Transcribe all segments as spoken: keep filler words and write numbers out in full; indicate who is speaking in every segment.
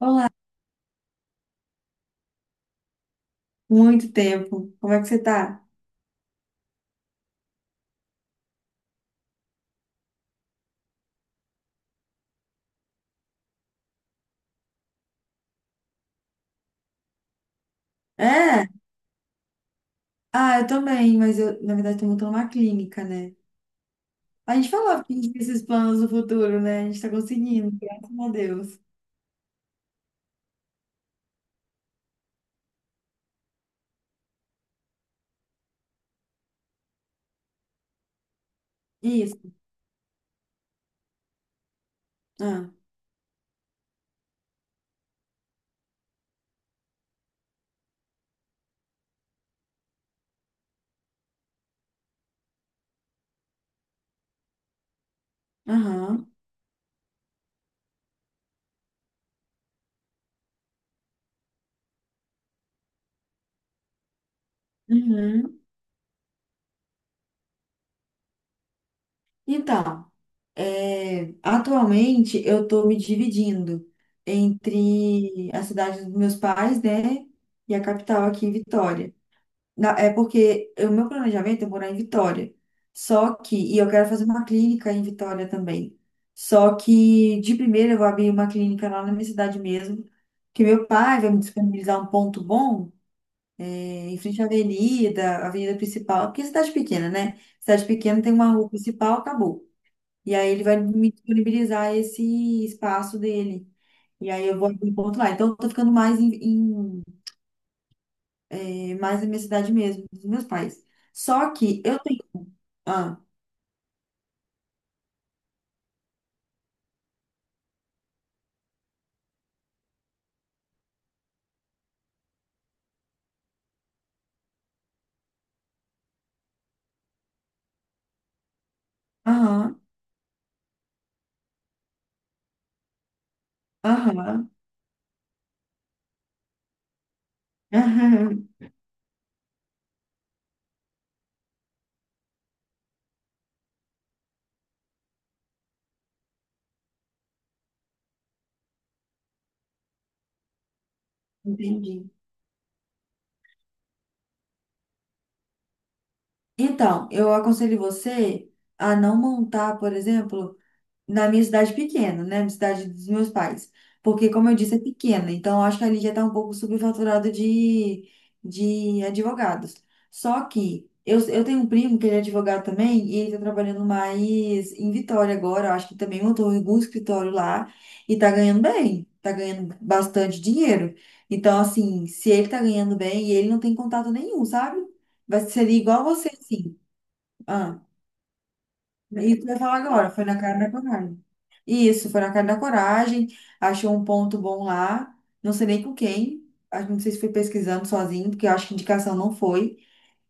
Speaker 1: Olá, muito tempo. Como é que você tá? É? Ah, eu também, mas eu, na verdade, tô montando uma clínica, né? A gente falava que a gente tinha esses planos no futuro, né? A gente tá conseguindo, graças a Deus. Isso. Ah, aham. Uhum. Então, é, atualmente eu tô me dividindo entre a cidade dos meus pais, né? E a capital aqui, Vitória. Na- é porque o meu planejamento é morar em Vitória. Só que, e eu quero fazer uma clínica em Vitória também. Só que, de primeira, eu vou abrir uma clínica lá na minha cidade mesmo. Que meu pai vai me disponibilizar um ponto bom, é, em frente à avenida, a avenida principal. Porque é cidade pequena, né? Cidade pequena tem uma rua principal, acabou. E aí ele vai me disponibilizar esse espaço dele. E aí eu vou abrir um ponto lá. Então, eu tô ficando mais em, é mais da minha cidade mesmo, dos meus pais. Só que eu tenho. Ah, aham, aham, aham, entendi. Então, eu aconselho você a não montar, por exemplo. Na minha cidade pequena, né? Na cidade dos meus pais. Porque, como eu disse, é pequena. Então, eu acho que ali já está um pouco superfaturado de, de advogados. Só que eu, eu tenho um primo que ele é advogado também e ele está trabalhando mais em Vitória agora. Eu acho que também montou algum escritório lá e está ganhando bem. Está ganhando bastante dinheiro. Então, assim, se ele está ganhando bem e ele não tem contato nenhum, sabe? Vai ser igual você, assim. Isso que eu ia falar agora, foi na cara da coragem. Isso, foi na cara da coragem, achou um ponto bom lá, não sei nem com quem, acho- não sei se foi pesquisando sozinho, porque eu acho que indicação não foi.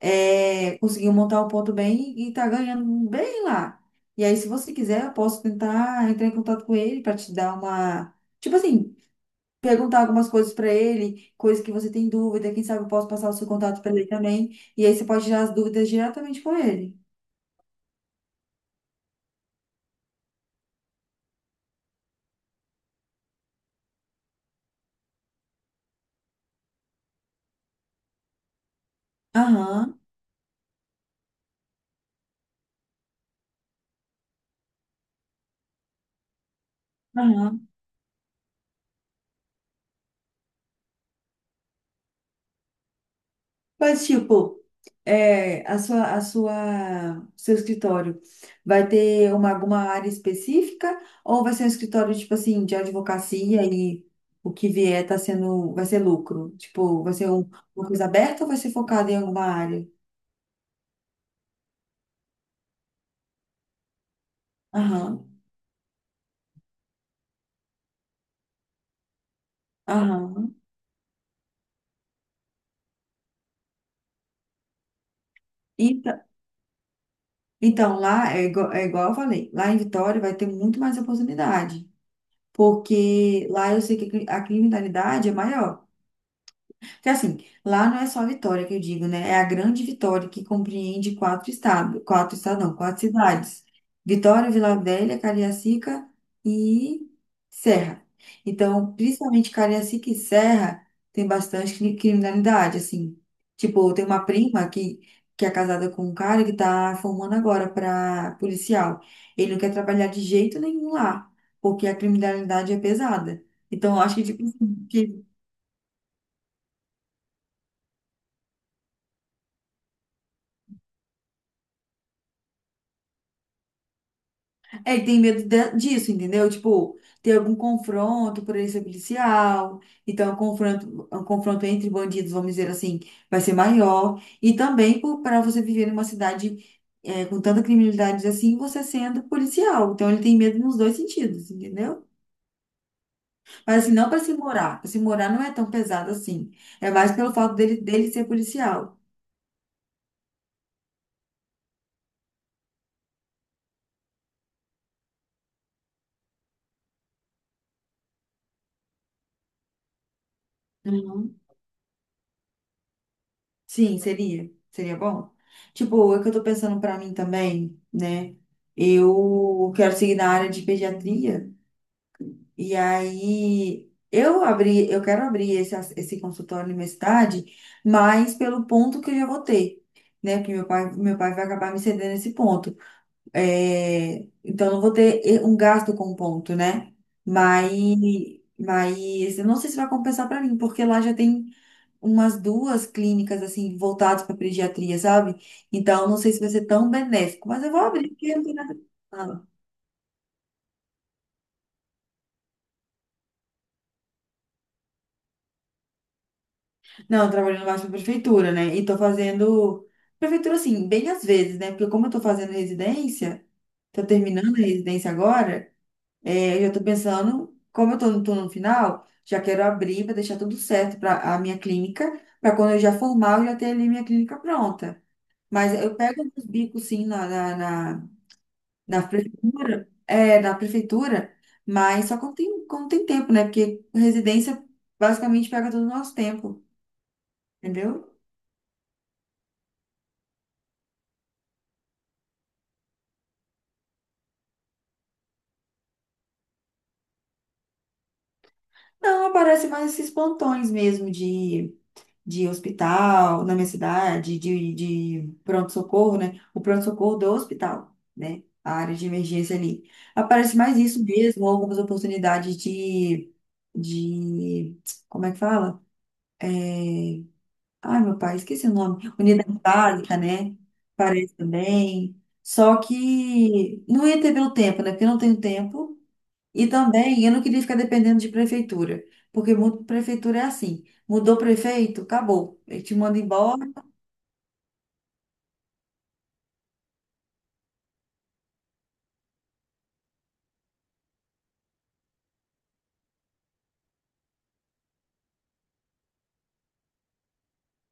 Speaker 1: É, conseguiu montar um ponto bem e tá ganhando bem lá. E aí, se você quiser, eu posso tentar entrar em contato com ele para te dar uma. Tipo assim, perguntar algumas coisas para ele, coisas que você tem dúvida, quem sabe eu posso passar o seu contato para ele também. E aí você pode tirar as dúvidas diretamente com ele. Aham, aham. Mas, tipo. É, a sua, a sua, seu escritório vai ter uma, alguma área específica ou vai ser um escritório, tipo assim, de advocacia e o que vier tá sendo, vai ser lucro? Tipo, vai ser um- uma coisa aberta ou vai ser focado em alguma área? Aham, aham. Então, então, lá é igual, é igual eu falei, lá em Vitória vai ter muito mais oportunidade, porque lá eu sei que a cri- a criminalidade é maior. Porque assim, lá não é só a Vitória que eu digo, né? É a grande Vitória que compreende quatro estados, quatro estados, não, quatro cidades. Vitória, Vila Velha, Cariacica e Serra. Então, principalmente Cariacica e Serra tem bastante cri- criminalidade, assim. Tipo, tem uma prima que, que é casada com um cara que tá formando agora para policial. Ele não quer trabalhar de jeito nenhum lá, porque a criminalidade é pesada. Então, eu acho que, tipo, assim, é, ele tem medo da- disso, entendeu? Tipo, ter algum confronto por ele ser policial. Então, o confronto, o confronto entre bandidos, vamos dizer assim, vai ser maior. E também para você viver numa cidade é, com tanta criminalidade assim, você sendo policial. Então, ele tem medo nos dois sentidos, entendeu? Mas assim, não para se morar. Para se morar não é tão pesado assim. É mais pelo fato dele, dele ser policial. Sim, seria. Seria bom. Tipo, é que eu tô pensando pra mim também, né? Eu quero seguir na área de pediatria. E aí, eu abri, eu quero abrir esse, esse consultório na minha cidade, mas pelo ponto que eu já vou ter, né? Porque meu pai, meu pai vai acabar me cedendo esse ponto. É, então, eu não vou ter e- um gasto com ponto, né? Mas, mas eu não sei se vai compensar para mim, porque lá já tem umas duas clínicas assim voltadas para pediatria, sabe? Então não sei se vai ser tão benéfico, mas eu vou abrir porque não tem nada. Ah, não, eu trabalho no baixo da prefeitura, né? E tô fazendo prefeitura assim, bem às vezes, né? Porque como eu tô fazendo residência, tô terminando a residência agora, é, eu já tô pensando, como eu tô, no- tô no final, já quero abrir para deixar tudo certo para a minha clínica, para quando eu já formar, eu já ter ali minha clínica pronta. Mas eu pego uns bicos sim na, na, na da prefeitura, é, da prefeitura, mas só quando tem, quando tem tempo, né? Porque residência basicamente pega todo o nosso tempo, entendeu? Não, aparece mais esses plantões mesmo de, de hospital na minha cidade, de, de pronto-socorro, né? O pronto-socorro do hospital, né? A área de emergência ali. Aparece mais isso mesmo, algumas oportunidades de, de, como é que fala? É, ai, meu pai, esqueci o nome. Unidade básica, né? Parece também. Só que não ia ter pelo tempo, né? Porque eu não tenho tempo. E também eu não queria ficar dependendo de prefeitura. Porque muito prefeitura é assim. Mudou prefeito, acabou. Ele te manda embora.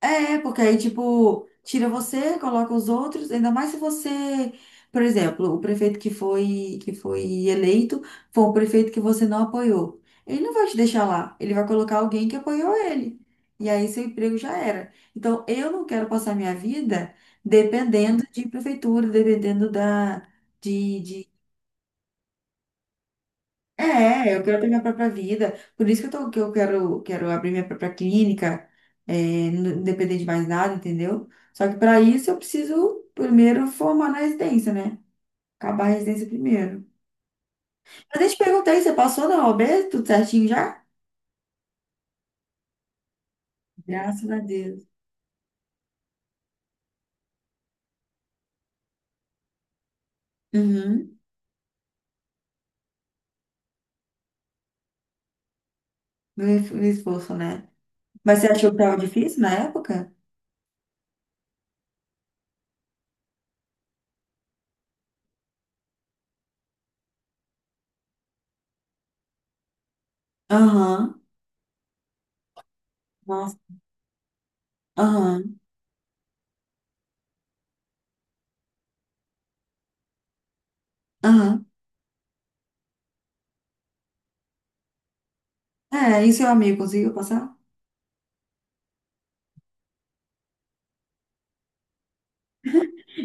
Speaker 1: É, porque aí, tipo, tira você, coloca os outros, ainda mais se você, por exemplo, o prefeito que foi, que foi eleito foi um prefeito que você não apoiou. Ele não vai te deixar lá, ele vai colocar alguém que apoiou ele. E aí seu emprego já era. Então, eu não quero passar minha vida dependendo de prefeitura, dependendo da, de de é, eu quero ter minha própria vida. Por isso que eu tô, que eu quero, quero abrir minha própria clínica, é, não depender de mais nada, entendeu? Só que para isso eu preciso primeiro formar na residência, né? Acabar a residência primeiro. Mas eu te perguntei, você passou na O A B? Tudo certinho já? Graças a Deus. Uhum. No es- no esforço, né? Mas você achou que tava difícil na época? Aham, nossa, aham, aham. É, e seu amigo conseguiu passar?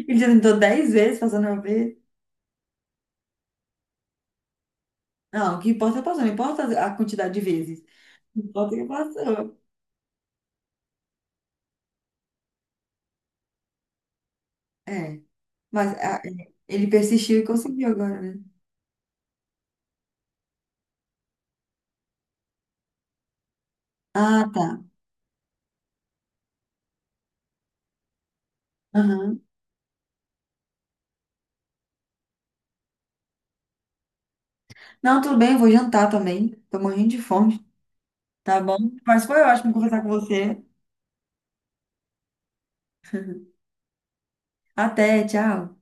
Speaker 1: Ele já tentou dez vezes passando na O A B. Não, o que importa é passou, não importa a quantidade de vezes. Não importa que passou. É, mas a- ele persistiu e conseguiu agora, né? Ah, tá. Aham. Não, tudo bem, eu vou jantar também. Tô morrendo de fome. Tá bom? Mas foi ótimo conversar com você. Até, tchau.